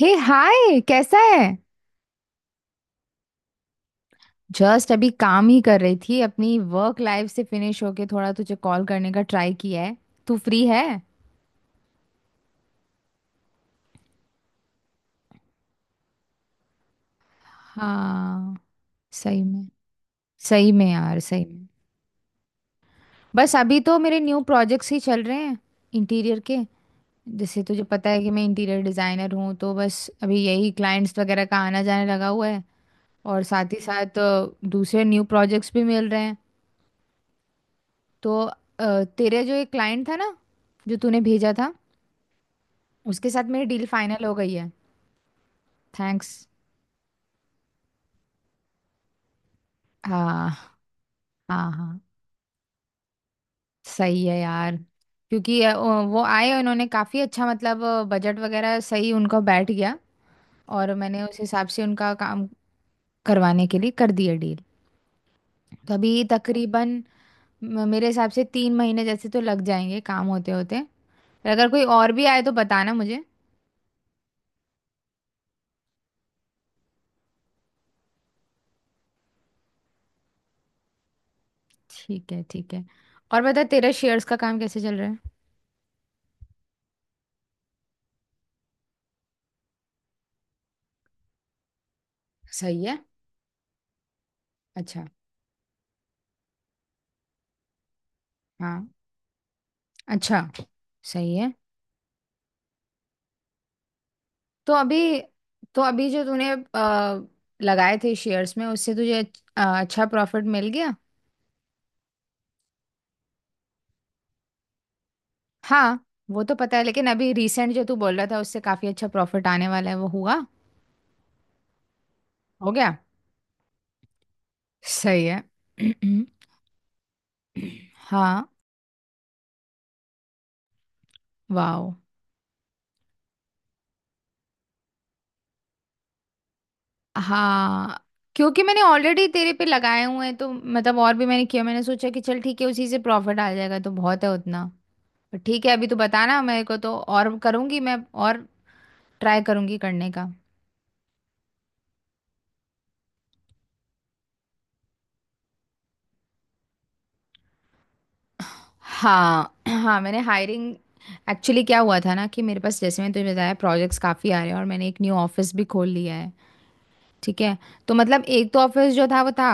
हे hi, कैसा है। Just अभी काम ही कर रही थी, अपनी वर्क लाइफ से फिनिश होके थोड़ा तुझे कॉल करने का ट्राई किया है। तू फ्री है? हाँ। सही में। सही में यार, सही में। बस अभी तो मेरे न्यू प्रोजेक्ट्स ही चल रहे हैं, इंटीरियर के। जैसे तुझे पता है कि मैं इंटीरियर डिजाइनर हूँ, तो बस अभी यही क्लाइंट्स वगैरह का आना जाने लगा हुआ है। और साथ ही साथ दूसरे न्यू प्रोजेक्ट्स भी मिल रहे हैं। तो तेरे जो एक क्लाइंट था ना, जो तूने भेजा था, उसके साथ मेरी डील फाइनल हो गई है। थैंक्स। हाँ हाँ हाँ। सही है यार। क्योंकि वो आए, उन्होंने काफ़ी अच्छा मतलब बजट वगैरह सही उनका बैठ गया। और मैंने उस हिसाब से उनका काम करवाने के लिए कर दिया डील। तो अभी तकरीबन मेरे हिसाब से 3 महीने जैसे तो लग जाएंगे, काम होते होते। अगर कोई और भी आए तो बताना मुझे। ठीक है ठीक है। और बता, तेरा शेयर्स का काम कैसे चल रहा है? सही है। अच्छा। हाँ। अच्छा। सही है। तो अभी तो अभी जो तूने लगाए थे शेयर्स में, उससे तुझे अच्छा प्रॉफिट मिल गया? हाँ, वो तो पता है, लेकिन अभी रिसेंट जो तू बोल रहा था, उससे काफी अच्छा प्रॉफिट आने वाला है, वो हुआ? हो गया। सही है। हाँ। वाओ। हाँ। क्योंकि मैंने ऑलरेडी तेरे पे लगाए हुए हैं, तो मतलब और भी मैंने किया, मैंने सोचा कि चल ठीक है उसी से प्रॉफिट आ जाएगा तो बहुत है उतना। पर ठीक है, अभी तो बताना मेरे को तो और करूंगी मैं। और ट्राई करूंगी करने का। हाँ हाँ, मैंने हायरिंग, एक्चुअली क्या हुआ था ना, कि मेरे पास, जैसे मैंने तुझे बताया, प्रोजेक्ट्स काफ़ी आ रहे हैं और मैंने एक न्यू ऑफिस भी खोल लिया है। ठीक है। तो मतलब एक तो ऑफिस जो था वो था,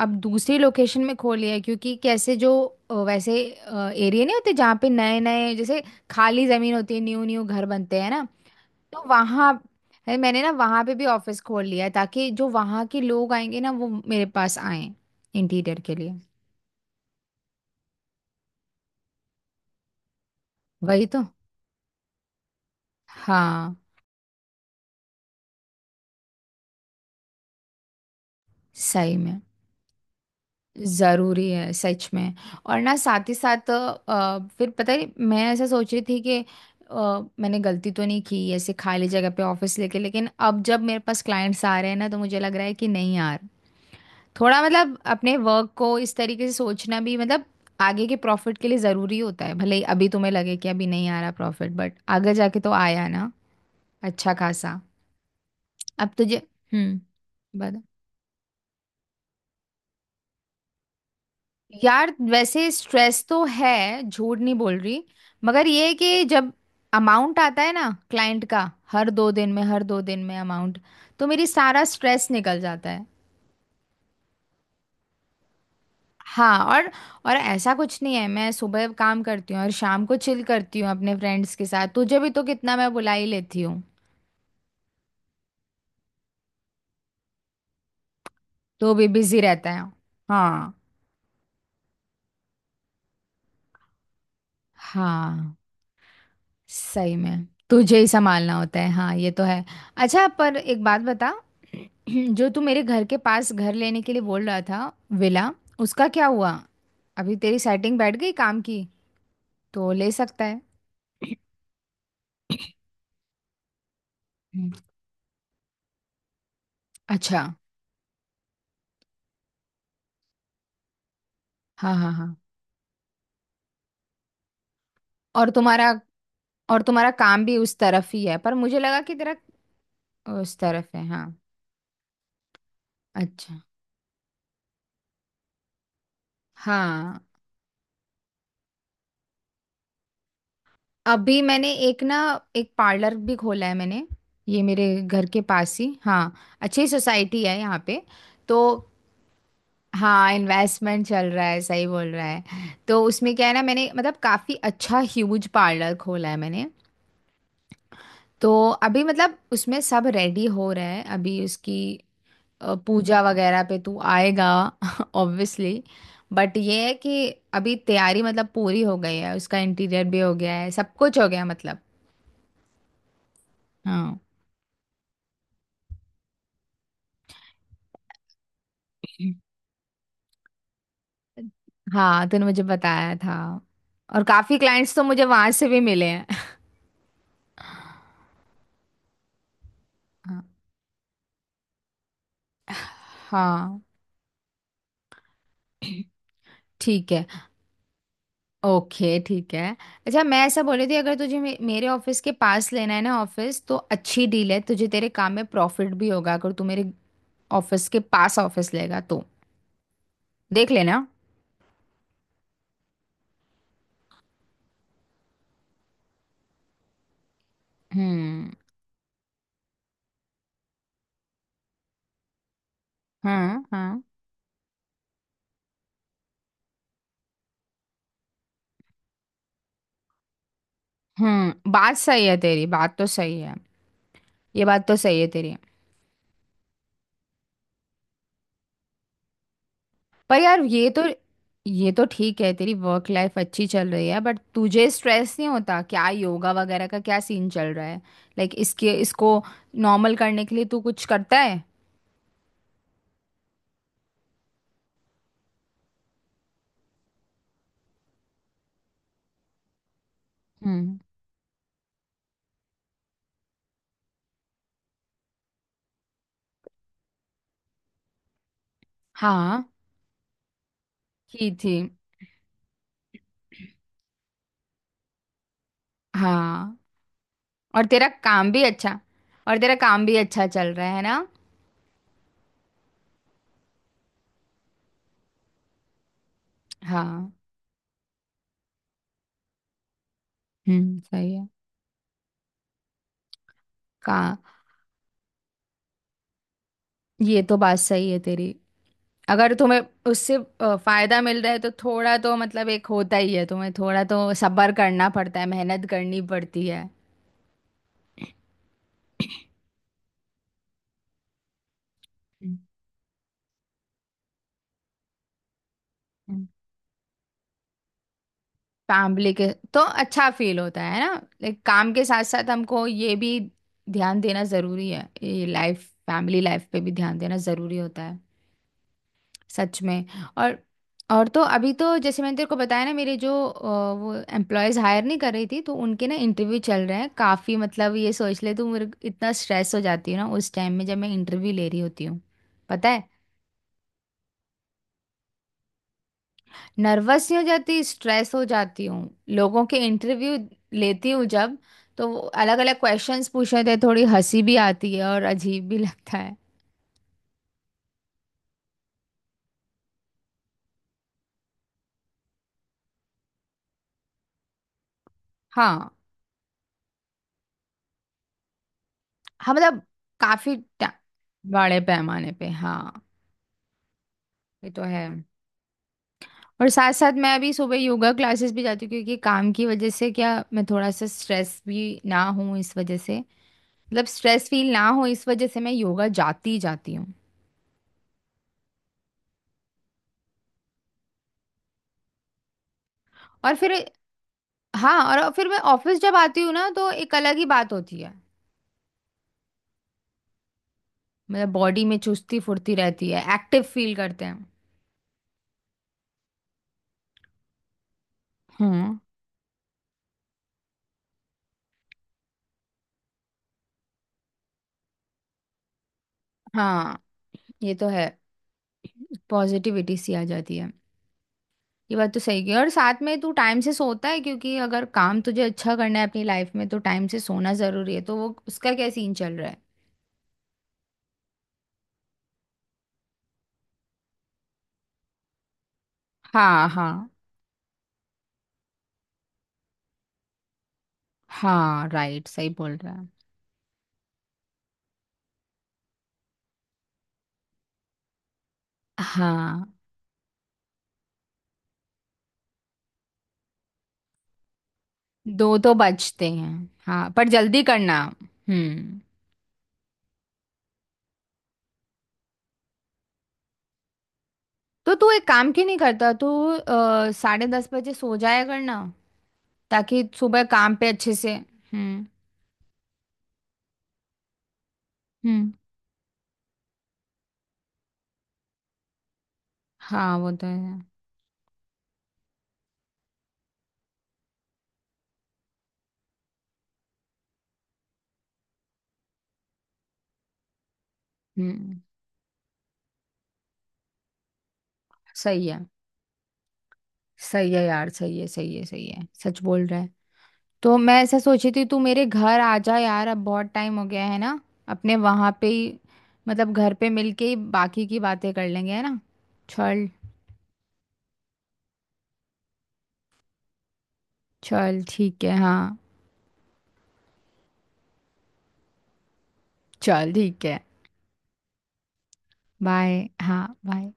अब दूसरी लोकेशन में खोल लिया है क्योंकि कैसे जो वैसे एरिया नहीं होते जहाँ पे नए नए जैसे खाली ज़मीन होती है, न्यू न्यू घर बनते हैं ना। तो वहाँ है, मैंने ना वहाँ पे भी ऑफिस खोल लिया है ताकि जो वहाँ के लोग आएंगे ना वो मेरे पास आए, इंटीरियर के लिए। वही तो। हाँ। सही में। जरूरी है सच में। और ना साथ ही साथ फिर पता है, मैं ऐसा सोच रही थी कि अ, मैंने गलती तो नहीं की ऐसे खाली जगह पे ऑफिस लेके, लेकिन अब जब मेरे पास क्लाइंट्स आ रहे हैं ना, तो मुझे लग रहा है कि नहीं यार, थोड़ा मतलब अपने वर्क को इस तरीके से सोचना भी मतलब आगे के प्रॉफिट के लिए ज़रूरी होता है, भले ही अभी तुम्हें लगे कि अभी नहीं आ रहा प्रॉफिट, बट आगे जाके तो आया ना, अच्छा खासा। अब तुझे। हम्म। बता। यार वैसे स्ट्रेस तो है, झूठ नहीं बोल रही। मगर ये है कि जब अमाउंट आता है ना क्लाइंट का, हर 2 दिन में हर 2 दिन में अमाउंट, तो मेरी सारा स्ट्रेस निकल जाता है। हाँ, और ऐसा कुछ नहीं है, मैं सुबह काम करती हूँ और शाम को चिल करती हूँ अपने फ्रेंड्स के साथ, तुझे भी तो कितना मैं बुला ही लेती हूँ। तो भी बिजी रहता है। हाँ हाँ। सही में, तुझे ही संभालना होता है। हाँ, ये तो है। अच्छा, पर एक बात बता, जो तू मेरे घर के पास घर लेने के लिए बोल रहा था, विला, उसका क्या हुआ? अभी तेरी सेटिंग बैठ गई काम की, तो ले सकता है? हम्म, अच्छा। हाँ हाँ हाँ। और तुम्हारा और तुम्हारा काम भी उस तरफ ही है, पर मुझे लगा कि तेरा उस तरफ है, हाँ। अच्छा। हाँ। अभी मैंने एक ना, एक पार्लर भी खोला है मैंने। ये मेरे घर के पास ही, हाँ। अच्छी सोसाइटी है यहाँ पे। तो हाँ, इन्वेस्टमेंट चल रहा है, सही बोल रहा है। तो उसमें क्या है ना, मैंने मतलब काफ़ी अच्छा ह्यूज पार्लर खोला है मैंने। तो अभी मतलब उसमें सब रेडी हो रहे हैं। अभी उसकी पूजा वगैरह पे तू आएगा? ऑब्वियसली। बट ये है कि अभी तैयारी मतलब पूरी हो गई है, उसका इंटीरियर भी हो गया है, सब कुछ हो गया मतलब। हाँ। हाँ, तूने मुझे बताया था। और काफी क्लाइंट्स तो मुझे वहां से भी मिले हैं। हाँ हाँ, ठीक है। ओके ठीक है। अच्छा, मैं ऐसा बोल रही थी, अगर तुझे मे मेरे ऑफिस के पास लेना है ना ऑफिस, तो अच्छी डील है, तुझे तेरे काम में प्रॉफिट भी होगा अगर तू मेरे ऑफिस के पास ऑफिस लेगा तो। देख लेना। हम्म। हाँ हाँ। हम्म, बात सही है तेरी, बात तो सही है। ये बात तो सही है तेरी। पर यार, ये तो, ये तो ठीक है, तेरी वर्क लाइफ अच्छी चल रही है, बट तुझे स्ट्रेस नहीं होता क्या? योगा वगैरह का क्या सीन चल रहा है? लाइक इसके इसको नॉर्मल करने के लिए तू कुछ करता है? हम्म। हाँ, की थी। हाँ। और तेरा काम भी अच्छा, और तेरा काम भी अच्छा चल रहा है ना? हाँ। हम्म, सही है। का। ये तो बात सही है तेरी। अगर तुम्हें उससे फायदा मिल रहा है तो थोड़ा तो मतलब एक होता ही है, तुम्हें थोड़ा तो सब्र करना पड़ता है, मेहनत करनी पड़ती है। हम्म। फैमिली के तो अच्छा फील होता है ना, लाइक काम के साथ साथ हमको ये भी ध्यान देना जरूरी है, ये लाइफ, फैमिली लाइफ पे भी ध्यान देना जरूरी होता है। सच में। और और तो अभी तो, जैसे मैंने तेरे को बताया ना, मेरे जो वो एम्प्लॉयज हायर नहीं कर रही थी, तो उनके ना इंटरव्यू चल रहे हैं काफ़ी, मतलब ये सोच ले तू, मेरे को इतना स्ट्रेस हो जाती हूँ ना उस टाइम में जब मैं इंटरव्यू ले रही होती हूँ। पता है। नर्वस नहीं हो जाती, स्ट्रेस हो जाती हूँ, लोगों के इंटरव्यू लेती हूँ जब, तो अलग अलग क्वेश्चंस पूछ रहे थे, थोड़ी हंसी भी आती है और अजीब भी लगता है। हाँ। हाँ मतलब काफ़ी बड़े पैमाने पे, हाँ। ये तो है। और साथ साथ मैं अभी सुबह योगा क्लासेस भी जाती हूँ क्योंकि काम की वजह से क्या, मैं थोड़ा सा स्ट्रेस भी ना हूँ इस वजह से, मतलब स्ट्रेस फील ना हो इस वजह से, मैं योगा जाती ही जाती हूँ। और फिर। हाँ, और फिर मैं ऑफिस जब आती हूँ ना तो एक अलग ही बात होती है। मतलब बॉडी में चुस्ती फुर्ती रहती है, एक्टिव फील करते हैं। हाँ। हाँ, ये तो है। पॉजिटिविटी सी आ जाती है। ये बात तो सही की, और साथ में तू टाइम से सोता है? क्योंकि अगर काम तुझे अच्छा करना है अपनी लाइफ में तो टाइम से सोना जरूरी है, तो वो उसका क्या सीन चल रहा है? हाँ हाँ हाँ राइट, सही बोल रहा है। हाँ। 2 तो बचते हैं। हाँ पर जल्दी करना। हम्म। तो तू एक काम क्यों नहीं करता, तू 10:30 बजे सो जाया करना ताकि सुबह काम पे अच्छे से। हम्म। हम्म। हाँ, वो तो है। हम्म। सही है। सही है यार, सही है सही है सही है, सच बोल रहा है। तो मैं ऐसा सोची थी, तू मेरे घर आ जा यार, अब बहुत टाइम हो गया है ना, अपने वहां पे ही, मतलब घर पे मिलके ही बाकी की बातें कर लेंगे, है ना। चल। चल ठीक है, हाँ। चल ठीक है। बाय। हाँ, बाय।